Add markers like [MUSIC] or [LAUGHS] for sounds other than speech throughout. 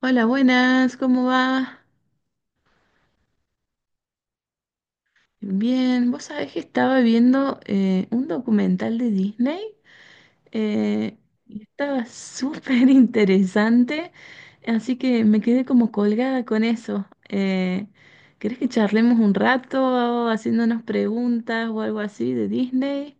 Hola, buenas, ¿cómo va? Bien, vos sabés que estaba viendo un documental de Disney eh, y estaba [LAUGHS] súper interesante, así que me quedé como colgada con eso. ¿Querés que charlemos un rato haciéndonos preguntas o algo así de Disney?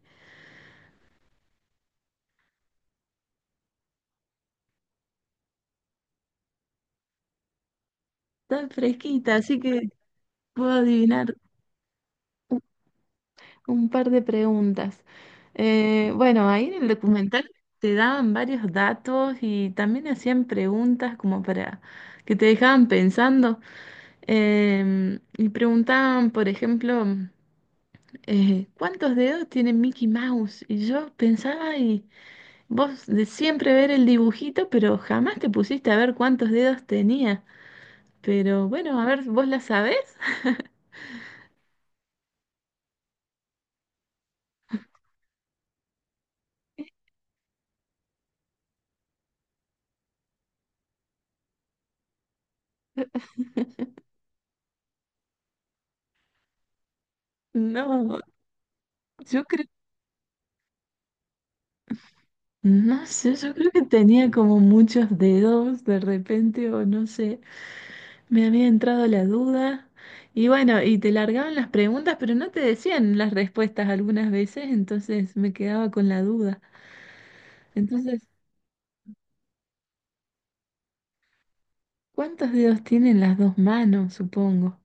Está fresquita, así que puedo adivinar. Un par de preguntas. Bueno, ahí en el documental te daban varios datos y también hacían preguntas como para que te dejaban pensando. Y preguntaban, por ejemplo, ¿cuántos dedos tiene Mickey Mouse? Y yo pensaba, y vos de siempre ver el dibujito, pero jamás te pusiste a ver cuántos dedos tenía. Pero bueno, a ver, ¿vos la sabés? [LAUGHS] No, yo creo. No sé, yo creo que tenía como muchos dedos de repente, o no sé, me había entrado la duda. Y bueno, y te largaban las preguntas, pero no te decían las respuestas algunas veces, entonces me quedaba con la duda. Entonces, ¿cuántos dedos tienen las dos manos, supongo?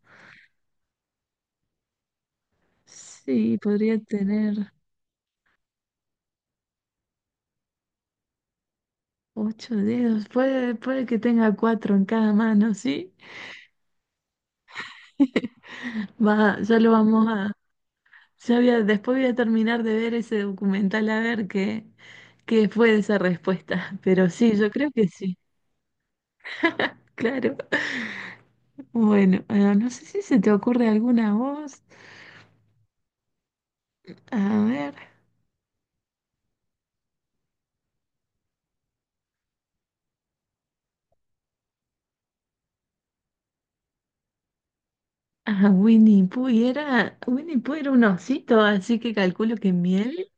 Sí, podría tener ocho dedos. Puede, puede que tenga cuatro en cada mano, ¿sí? Va, ya lo vamos a. Después voy a terminar de ver ese documental a ver qué, qué fue de esa respuesta. Pero sí, yo creo que sí, claro. [LAUGHS] Bueno, ah, no sé si se te ocurre alguna voz. A ver. Ah, Winnie Pooh, y era, Winnie Pooh era un osito, así que calculo que miel.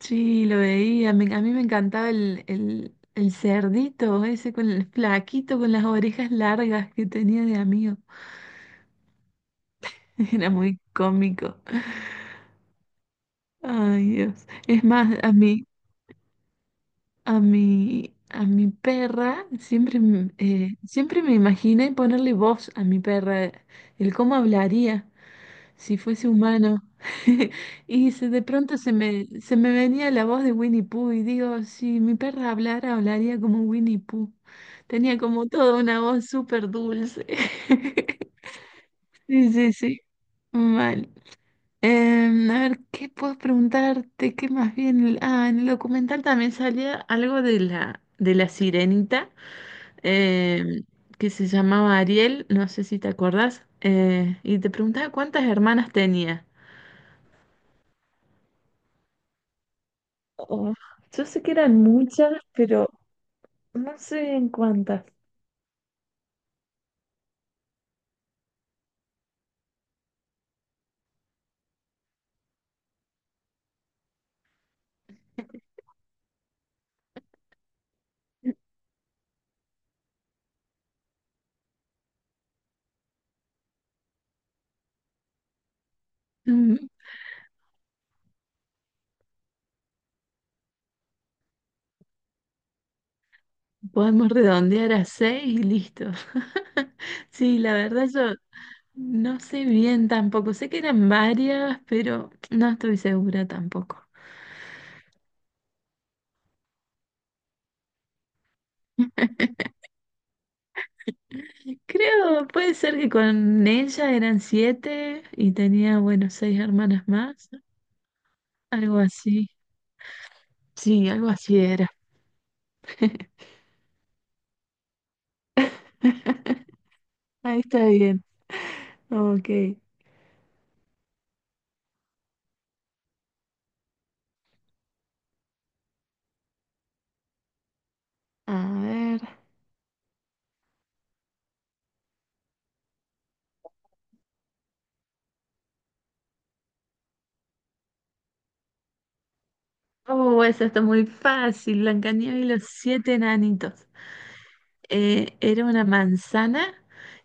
Sí, lo veía. A mí me encantaba el cerdito, ese con el flaquito con las orejas largas que tenía de amigo. [LAUGHS] Era muy cómico. Ay, Dios. Es más, a mí. A mi perra siempre, siempre me imaginé ponerle voz a mi perra, el cómo hablaría si fuese humano. [LAUGHS] De pronto se me venía la voz de Winnie Pooh y digo, si mi perra hablara, hablaría como Winnie Pooh. Tenía como toda una voz súper dulce. [LAUGHS] Sí, sí, sí. Mal. A ver, ¿qué puedo preguntarte? ¿Qué más bien? Ah, en el documental también salía algo de la sirenita em, que se llamaba Ariel, no sé si te acordás, y te preguntaba cuántas hermanas tenía. Oh, yo sé que eran muchas, pero no sé bien cuántas. Mm, podemos redondear a seis y listo. [LAUGHS] Sí, la verdad yo no sé bien tampoco, sé que eran varias, pero no estoy segura tampoco. Creo, puede ser que con ella eran siete y tenía, bueno, seis hermanas más, algo así. Sí, algo así era. [LAUGHS] Ahí está bien. Ok. A ver. Oh, esa está muy fácil. Blancanieves y los siete enanitos. Era una manzana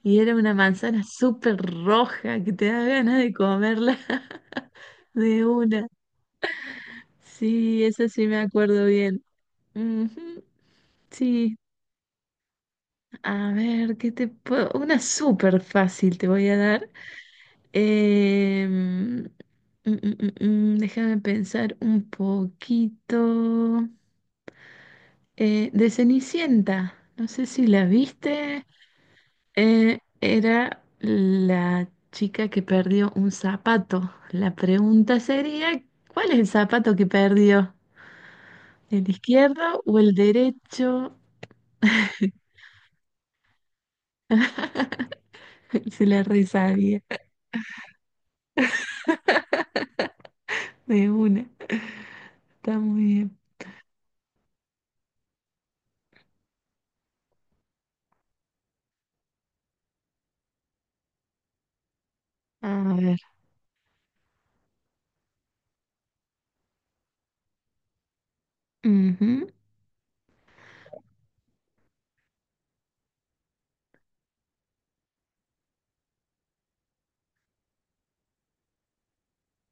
y era una manzana súper roja que te da ganas de comerla [LAUGHS] de una. Sí, esa sí me acuerdo bien. Ujú. Sí. A ver, ¿qué te puedo? Una súper fácil te voy a dar. Em, mm, mm, déjame pensar un poquito. De Cenicienta, no sé si la viste. Era la chica que perdió un zapato. La pregunta sería, ¿cuál es el zapato que perdió? ¿El izquierdo o el derecho? [LAUGHS] Se la resabía de una. Está muy bien. A ver. Ujú.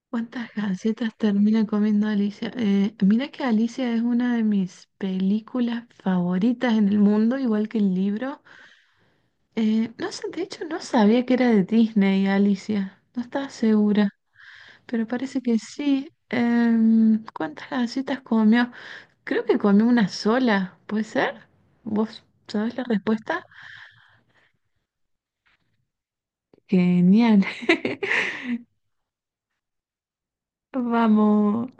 ¿Cuántas galletas termina comiendo Alicia? Mira que Alicia es una de mis películas favoritas en el mundo, igual que el libro. No sé, de hecho no sabía que era de Disney, Alicia. No estaba segura, pero parece que sí. ¿Cuántas galletas comió? Creo que comió una sola, ¿puede ser? ¿Vos sabés la respuesta? Genial. [LAUGHS] Vamos.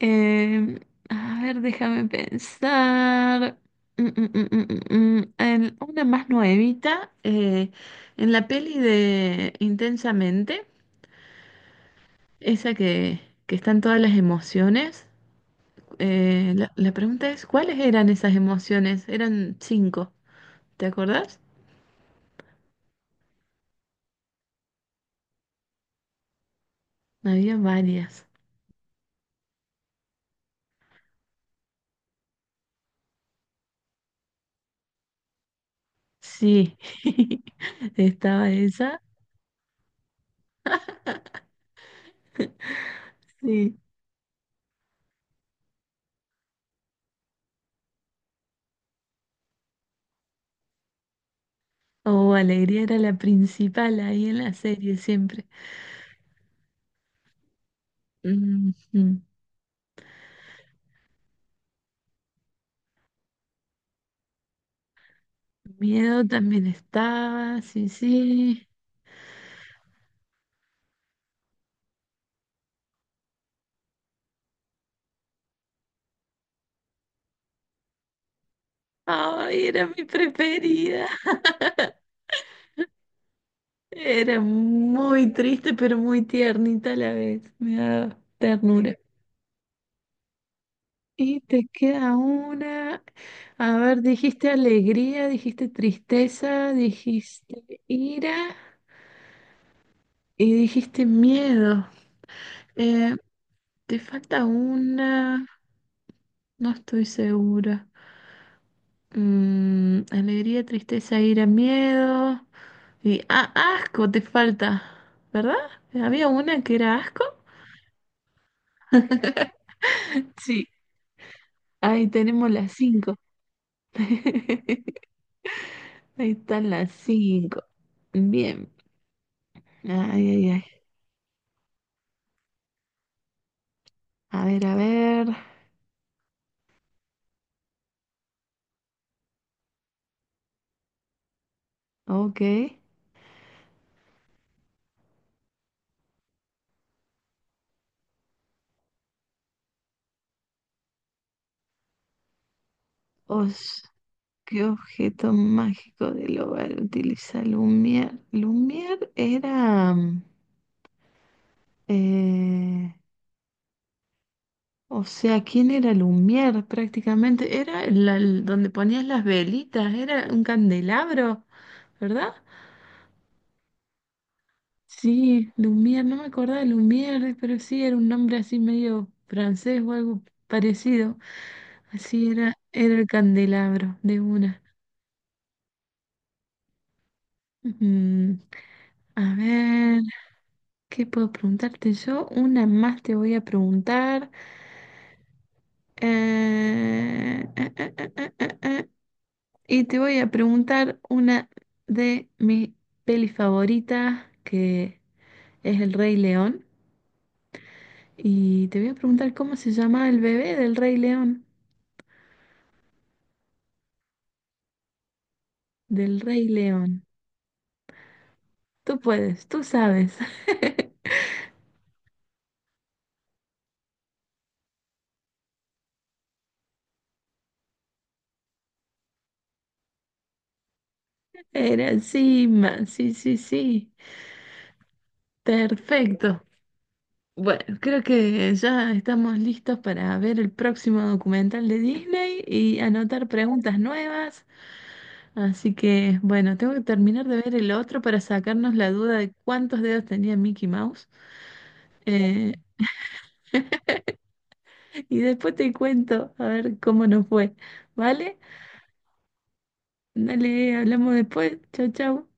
Em, a ver, déjame pensar. Mm. En una más nuevita, en la peli de Intensamente, esa que están todas las emociones, la pregunta es, ¿cuáles eran esas emociones? Eran cinco, ¿te acordás? Había varias. Sí, [LAUGHS] estaba esa. Sí. O alegría era la principal ahí en la serie siempre. Ujú. Miedo también estaba, sí, sí. Ay, era mi preferida. Era muy triste, pero muy tiernita a la vez. Me daba ternura. Y te queda una. A ver, dijiste alegría, dijiste tristeza, dijiste ira y dijiste miedo. Eh, te falta una. No estoy segura. Mm, alegría, tristeza, ira, miedo. Y ah, asco te falta, ¿verdad? Había una que era asco. Sí, ahí tenemos las cinco. [LAUGHS] Ahí están las cinco. Bien. Ay, ay, ay. A ver, a ver. Ok. Os, ¿qué objeto mágico del hogar utiliza Lumière? Lumière era... mm, eh, o sea, ¿quién era Lumière prácticamente? Era donde ponías las velitas, era un candelabro, ¿verdad? Sí, Lumière, no me acordaba de Lumière, pero sí era un nombre así medio francés o algo parecido. Así era, era el candelabro de una. Mm, a ver, ¿qué puedo preguntarte yo? Una más te voy a preguntar. eh, eh, eh, eh, eh, eh, eh, eh. Y te voy a preguntar una de mi peli favorita, que es El Rey León. Y te voy a preguntar cómo se llama el bebé del Rey León. Del Rey León. Tú puedes, tú sabes. [LAUGHS] Era encima, sí, sí, sí. Perfecto. Bueno, creo que ya estamos listos para ver el próximo documental de Disney y anotar preguntas nuevas. Así que, bueno, tengo que terminar de ver el otro para sacarnos la duda de cuántos dedos tenía Mickey Mouse. Eh, [LAUGHS] y después te cuento a ver cómo nos fue. ¿Vale? Dale, hablamos después. Chau, chau.